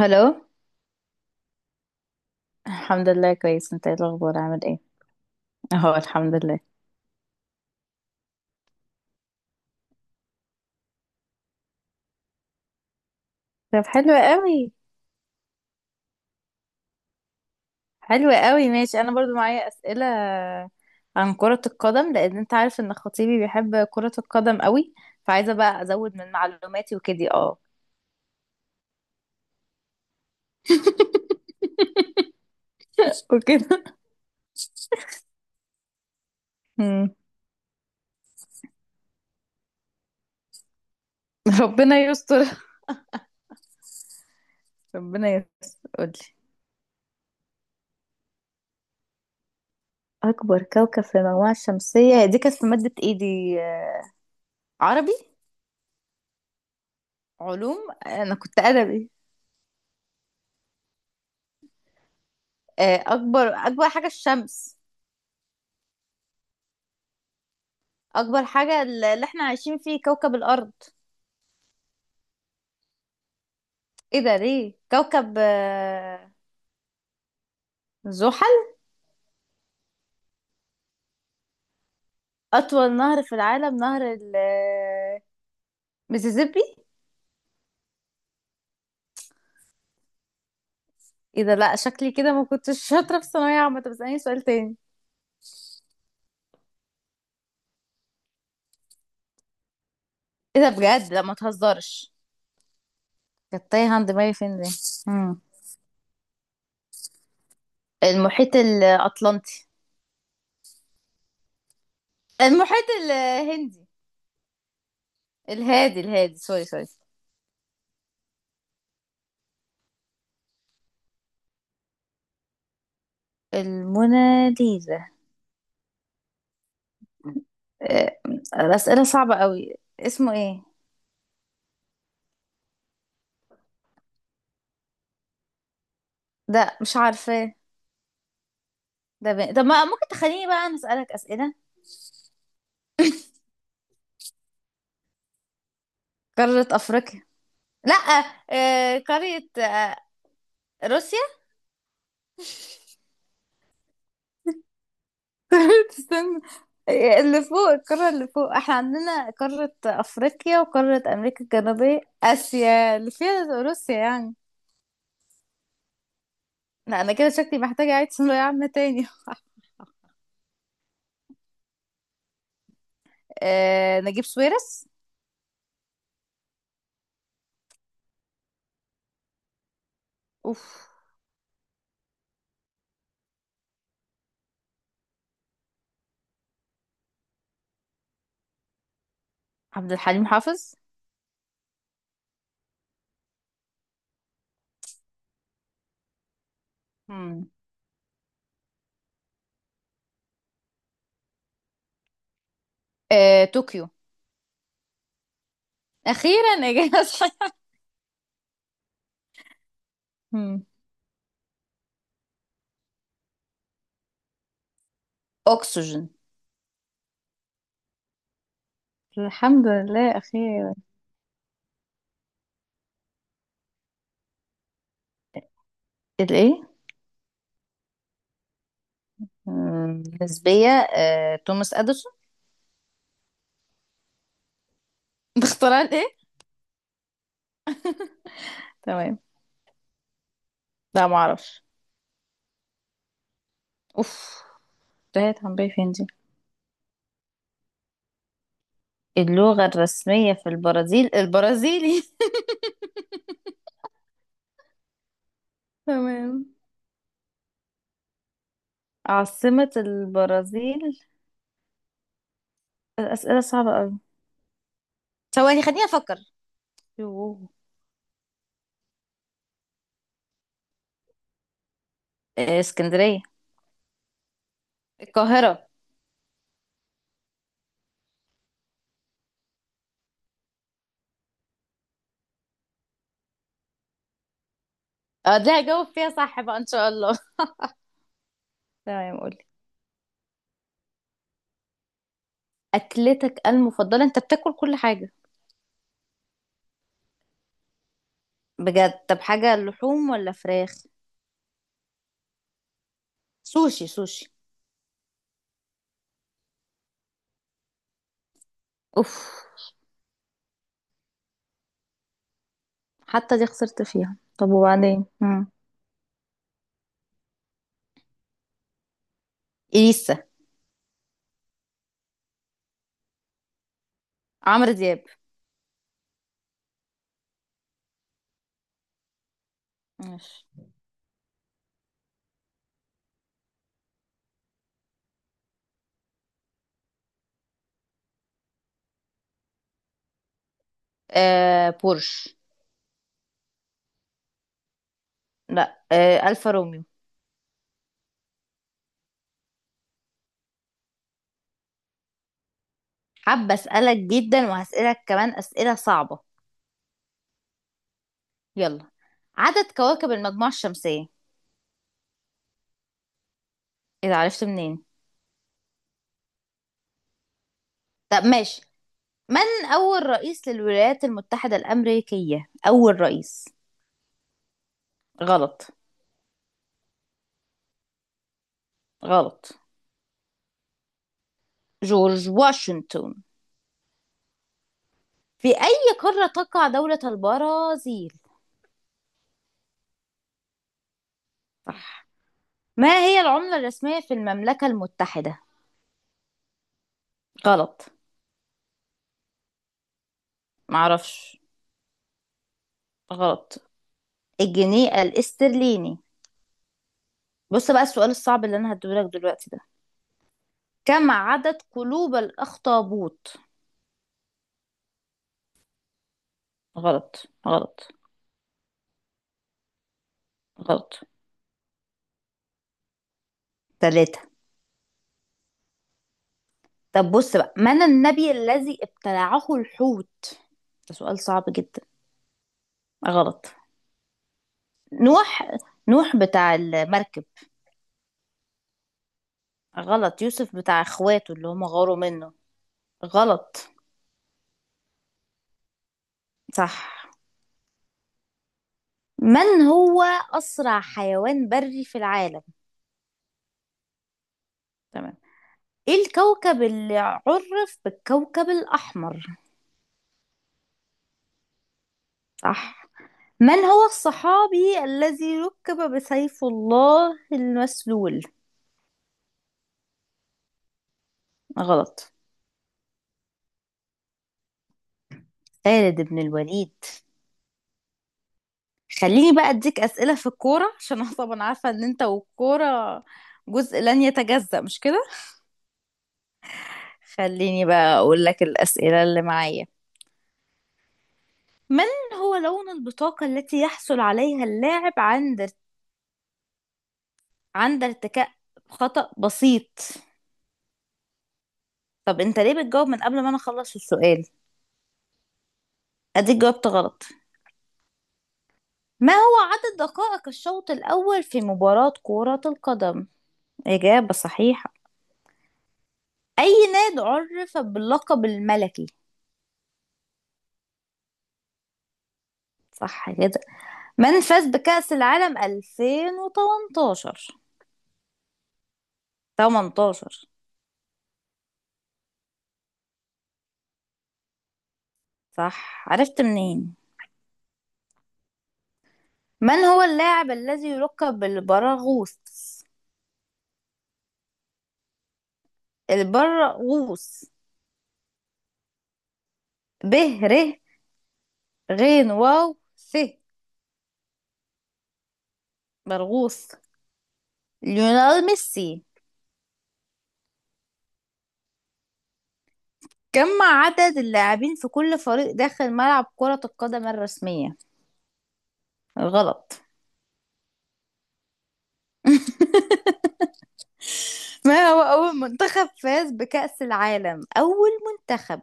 هلو. الحمد لله كويس، انت ايه الاخبار، عامل ايه؟ اهو الحمد لله. طب حلو قوي، ماشي. انا برضو معايا اسئله عن كره القدم، لان انت عارف ان خطيبي بيحب كره القدم قوي، فعايزه بقى ازود من معلوماتي وكده. اه. وكده. مم. ربنا يستر. ربنا يستر، قولي. اكبر كوكب في المجموعه الشمسيه؟ هي دي كانت في ماده ايه؟ دي عربي. علوم، انا كنت ادبي. اكبر حاجه الشمس. اكبر حاجة اللي احنا عايشين فيه كوكب الارض. ايه ده، ليه كوكب؟ زحل. اطول نهر في العالم؟ نهر ميسيسيبي. ايه ده؟ لا شكلي كده ما كنتش شاطرة في الثانوية عامة. طب اسألني سؤال تاني. ايه ده بجد، لا ما تهزرش. كانت تايه عند دماغي، فين دي؟ مم. المحيط الاطلنطي. المحيط الهندي. الهادي الهادي، سوري سوري. الموناليزا. آه، الأسئلة صعبة قوي، اسمه ايه؟ ده مش عارفة. طب ما ممكن تخليني بقى أنا أسألك أسئلة؟ قارة أفريقيا. لا، قارة روسيا. استنى. اللي فوق، القارة اللي فوق، احنا عندنا قارة أفريقيا وقارة أمريكا الجنوبية، آسيا اللي فيها روسيا يعني. لا أنا كده شكلي محتاجة أعيد ثانوية عامة تاني. نجيب سويرس. أوف. عبد الحليم حافظ. مم. طوكيو. أخيرا إجابة صحيحة. مم. أكسجين. الحمد لله أخيرا. الإيه؟ نسبية. توماس اديسون. باختراع الايه؟ تمام. لا معرفش. اوف. ده هي هنبي فين دي؟ اللغة الرسمية في البرازيل البرازيلي. تمام. عاصمة البرازيل. الأسئلة صعبة أوي. ثواني خليني أفكر. يوه. اسكندرية. القاهرة. اه دي هجاوب فيها صح بقى إن شاء الله. تمام، قولي. أكلتك المفضلة؟ أنت بتاكل كل حاجة. بجد؟ طب حاجة لحوم ولا فراخ؟ سوشي سوشي. اوف حتى دي خسرت فيها. طب وبعدين مم. إليسا. عمرو دياب. ماشي. بورش. لا، ألفا روميو. حابة أسألك جدا، وهسألك كمان أسئلة صعبة. يلا. عدد كواكب المجموعة الشمسية. إذا عرفت منين. طب ماشي. من أول رئيس للولايات المتحدة الأمريكية؟ أول رئيس. غلط، غلط. جورج واشنطن. في أي قارة تقع دولة البرازيل؟ صح. ما هي العملة الرسمية في المملكة المتحدة؟ غلط. معرفش. غلط. الجنيه الاسترليني. بص بقى، السؤال الصعب اللي انا هديهولك دلوقتي ده: كم عدد قلوب الاخطبوط؟ غلط، غلط، غلط. ثلاثة. طب بص بقى، من النبي الذي ابتلعه الحوت؟ ده سؤال صعب جدا. غلط. نوح. نوح بتاع المركب. غلط. يوسف بتاع اخواته اللي هم غاروا منه. غلط. صح. من هو أسرع حيوان بري في العالم؟ تمام. إيه الكوكب اللي عرف بالكوكب الأحمر؟ صح. من هو الصحابي الذي ركب بسيف الله المسلول؟ غلط. خالد بن الوليد. خليني بقى أديك أسئلة في الكورة، عشان أنا طبعا عارفة إن أنت والكورة جزء لن يتجزأ، مش كده؟ خليني بقى أقول لك الأسئلة اللي معايا. من هو لون البطاقة التي يحصل عليها اللاعب عند ارتكاء خطأ بسيط؟ طب انت ليه بتجاوب من قبل ما انا اخلص السؤال؟ اديك جاوبت غلط. ما هو عدد دقائق الشوط الاول في مباراة كرة القدم؟ اجابة صحيحة. اي نادي عرف باللقب الملكي؟ صح كده. من فاز بكأس العالم 2018؟ 18. صح، عرفت منين؟ من هو اللاعب الذي يلقب بالبراغوث؟ البراغوث: برغوث. مرغوص. ليونيل ميسي. كم عدد اللاعبين في كل فريق داخل ملعب كرة القدم الرسمية؟ غلط. ما هو أول منتخب فاز بكأس العالم؟ أول منتخب.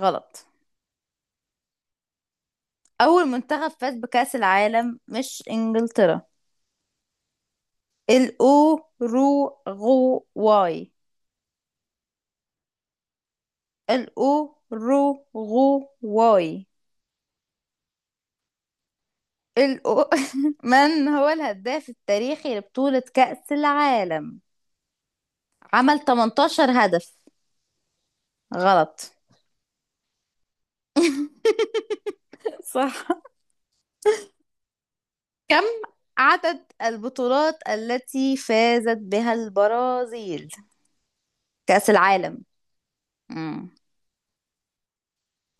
غلط. أول منتخب فاز بكأس العالم مش إنجلترا. الأوروغواي. الأوروغواي. الأو... من هو الهداف التاريخي لبطولة كأس العالم؟ عمل 18 هدف. غلط. صح. كم عدد البطولات التي فازت بها البرازيل؟ كأس العالم. مم.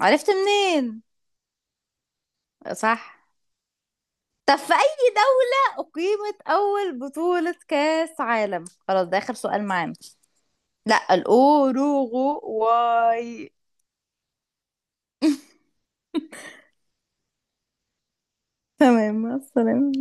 عرفت منين؟ صح. طب في أي دولة أقيمت أول بطولة كأس عالم؟ خلاص ده آخر سؤال معانا. لا، الأوروغواي. تمام، مع السلامة.